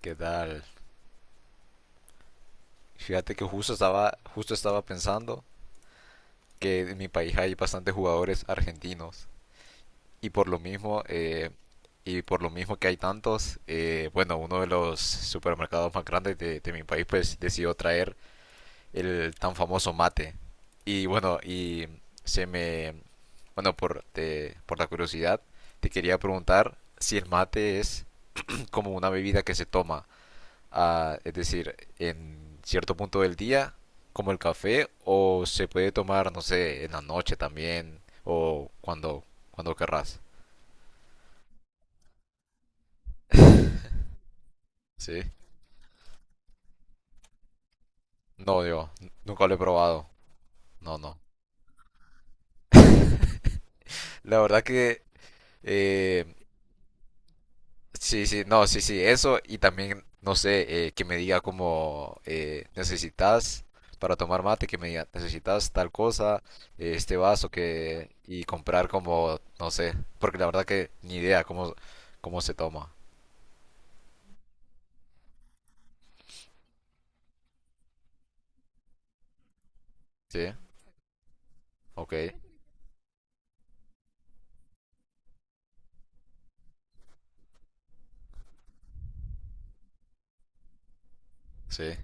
¿Qué tal? Fíjate que justo estaba pensando que en mi país hay bastantes jugadores argentinos y por lo mismo que hay tantos, bueno, uno de los supermercados más grandes de mi país pues decidió traer el tan famoso mate. Y bueno, y se me, bueno, por la curiosidad, te quería preguntar si el mate es como una bebida que se toma es decir, en cierto punto del día, como el café, o se puede tomar, no sé, en la noche también, o cuando querrás. Sí, no, yo nunca lo he probado. No, no. La verdad que eh, sí, sí, no, sí, sí, eso y también, no sé, que me diga como necesitas para tomar mate, que me diga necesitas tal cosa, este vaso que y comprar como, no sé, porque la verdad que ni idea cómo se toma. Sí, ok, sí,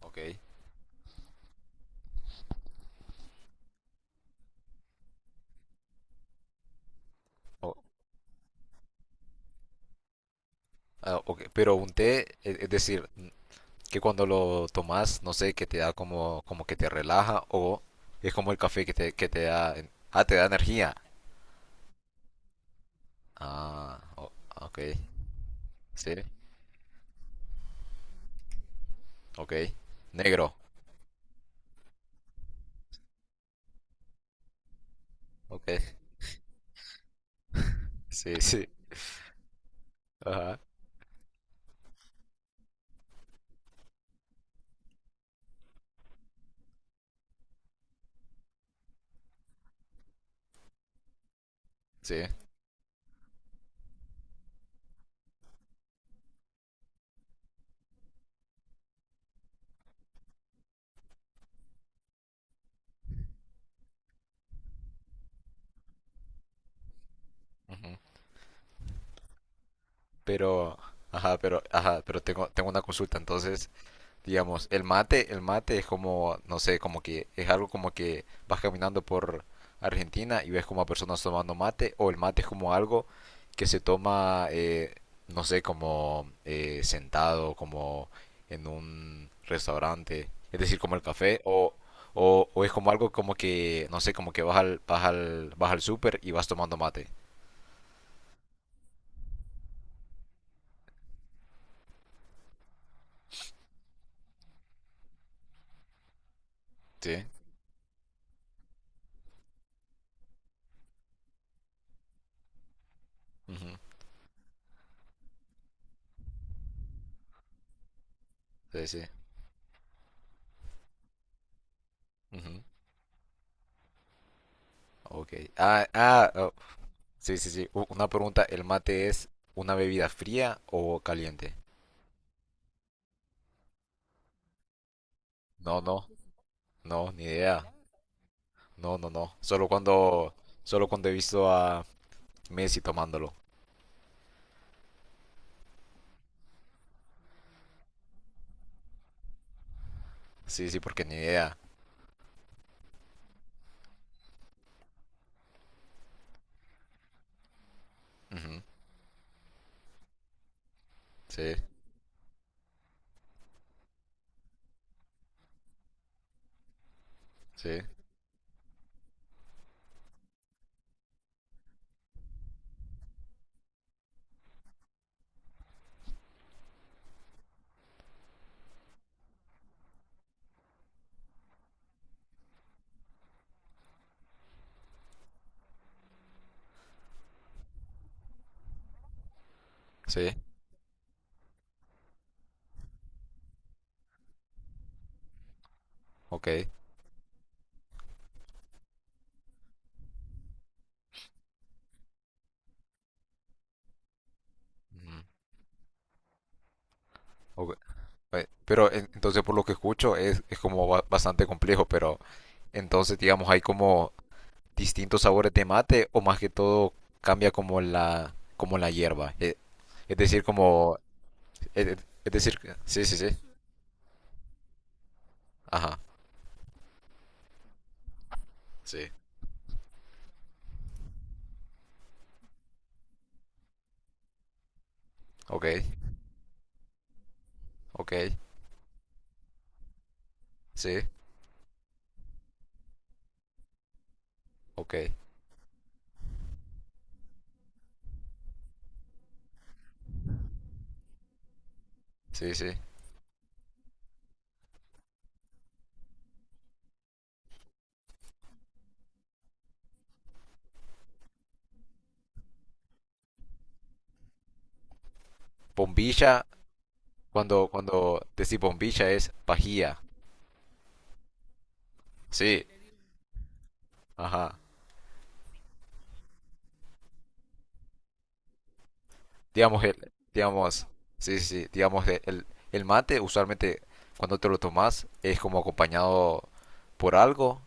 ok. O- ok, pero un té, es decir, que cuando lo tomas, no sé, que te da como que te relaja o es como el café que te da, te da energía. Ah, ok. Sí, ok. Negro, ok. Sí, sí. Ajá, sí. Ujú. Pero, ajá, pero, ajá, pero tengo una consulta. Entonces, digamos, el mate es como, no sé, como que es algo como que vas caminando por Argentina y ves como a personas tomando mate, o el mate es como algo que se toma, no sé, como sentado, como en un restaurante, es decir, como el café, o es como algo como que, no sé, como que vas al súper y vas tomando mate. Sí, ujú, sí, sí. Ujú, ok. Ah, ah, oh, sí, sí, sí. Una pregunta, ¿el mate es una bebida fría o caliente? No, no, no, ni idea. No, no, no. Solo cuando he visto a Messi tomándolo. Sí, sí, porque ni idea. Ujú. Sí, sí, sí. Ok. Ujú. Ok. Pero entonces por lo que escucho es como bastante complejo, pero entonces digamos hay como distintos sabores de mate o más que todo cambia como la hierba. Es decir, como Es, es- decir, sí, sí, sí. Ajá, sí. Ok, ok, sí, ok, sí, sí. Bombilla, cuando decís bombilla es pajía. Sí, ajá. Digamos, digamos, sí, sí, sí, digamos, el mate usualmente cuando te lo tomas es como acompañado por algo,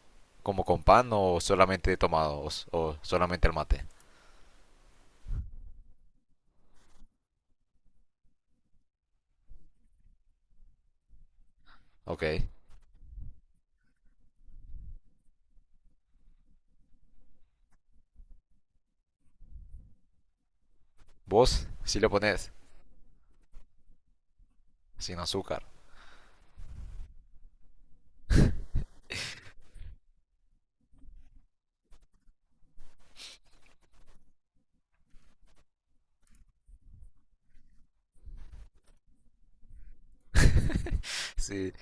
como con pan o solamente tomado o, o solamente el mate. Ok. ¿Vos? Sí lo pones sin azúcar. Sí,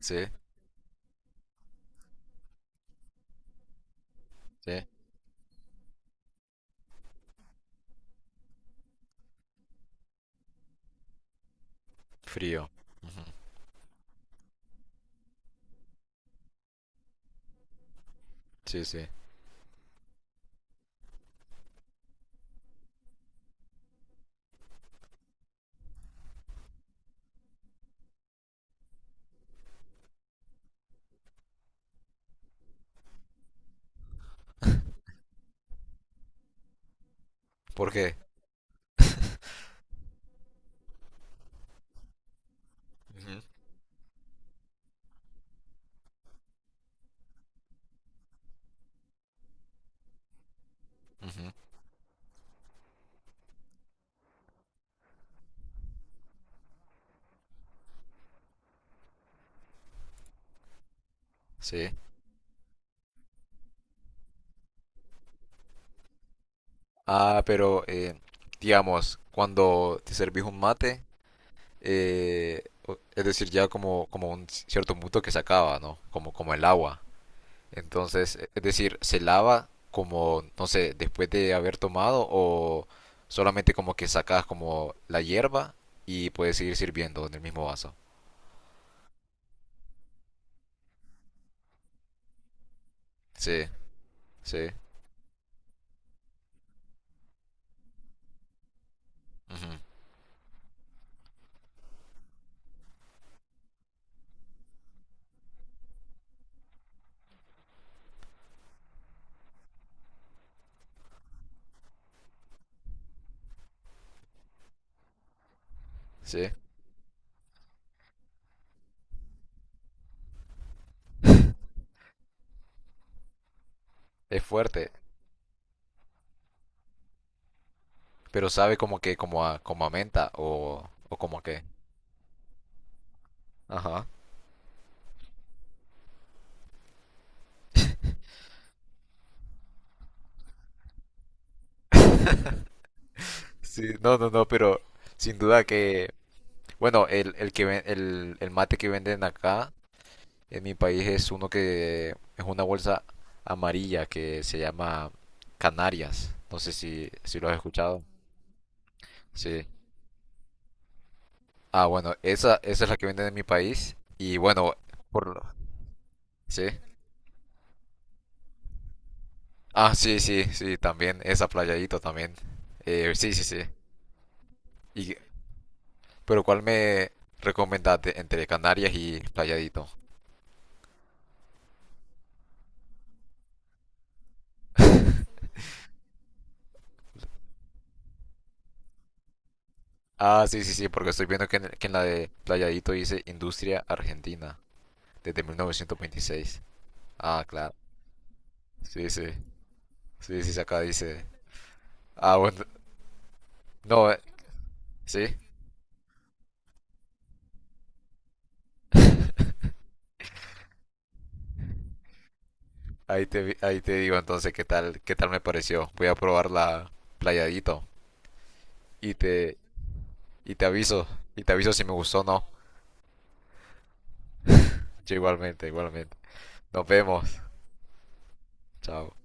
sí, sí. Frío. Sí, sí. ¿Por qué? Ujú, ujú, sí. Ah, pero digamos, cuando te servís un mate, es decir, ya como, como un cierto punto que se acaba, ¿no? Como, como el agua. Entonces, es decir, ¿se lava como, no sé, después de haber tomado o solamente como que sacas como la hierba y puedes seguir sirviendo en el mismo vaso? Sí, sí, ujú, sí. Es fuerte, pero sabe como que como a menta o como a qué. Ajá. Sí, no, no, no, pero sin duda que, bueno, el mate que venden acá en mi país es uno que es una bolsa amarilla que se llama Canarias. No sé si lo has escuchado. Sí. Ah, bueno, esa es la que venden en mi país. Y bueno, por lo... sí. Ah, sí, sí, sí, también. Esa Playadito también. Sí, sí, sí. Y Pero ¿cuál me recomendaste entre Canarias y Playadito? Ah, sí, sí, sí, porque estoy viendo que que en la de Playadito dice Industria Argentina, desde 1926. Ah, claro. Sí, sí. Sí, sí, sí, acá dice. Ah, bueno. No, sí. Ahí te digo entonces qué tal me pareció. Voy a probar la Playadito. Y te, y te aviso. Y te aviso si me gustó o no. Yo igualmente, igualmente. Nos vemos. Chao.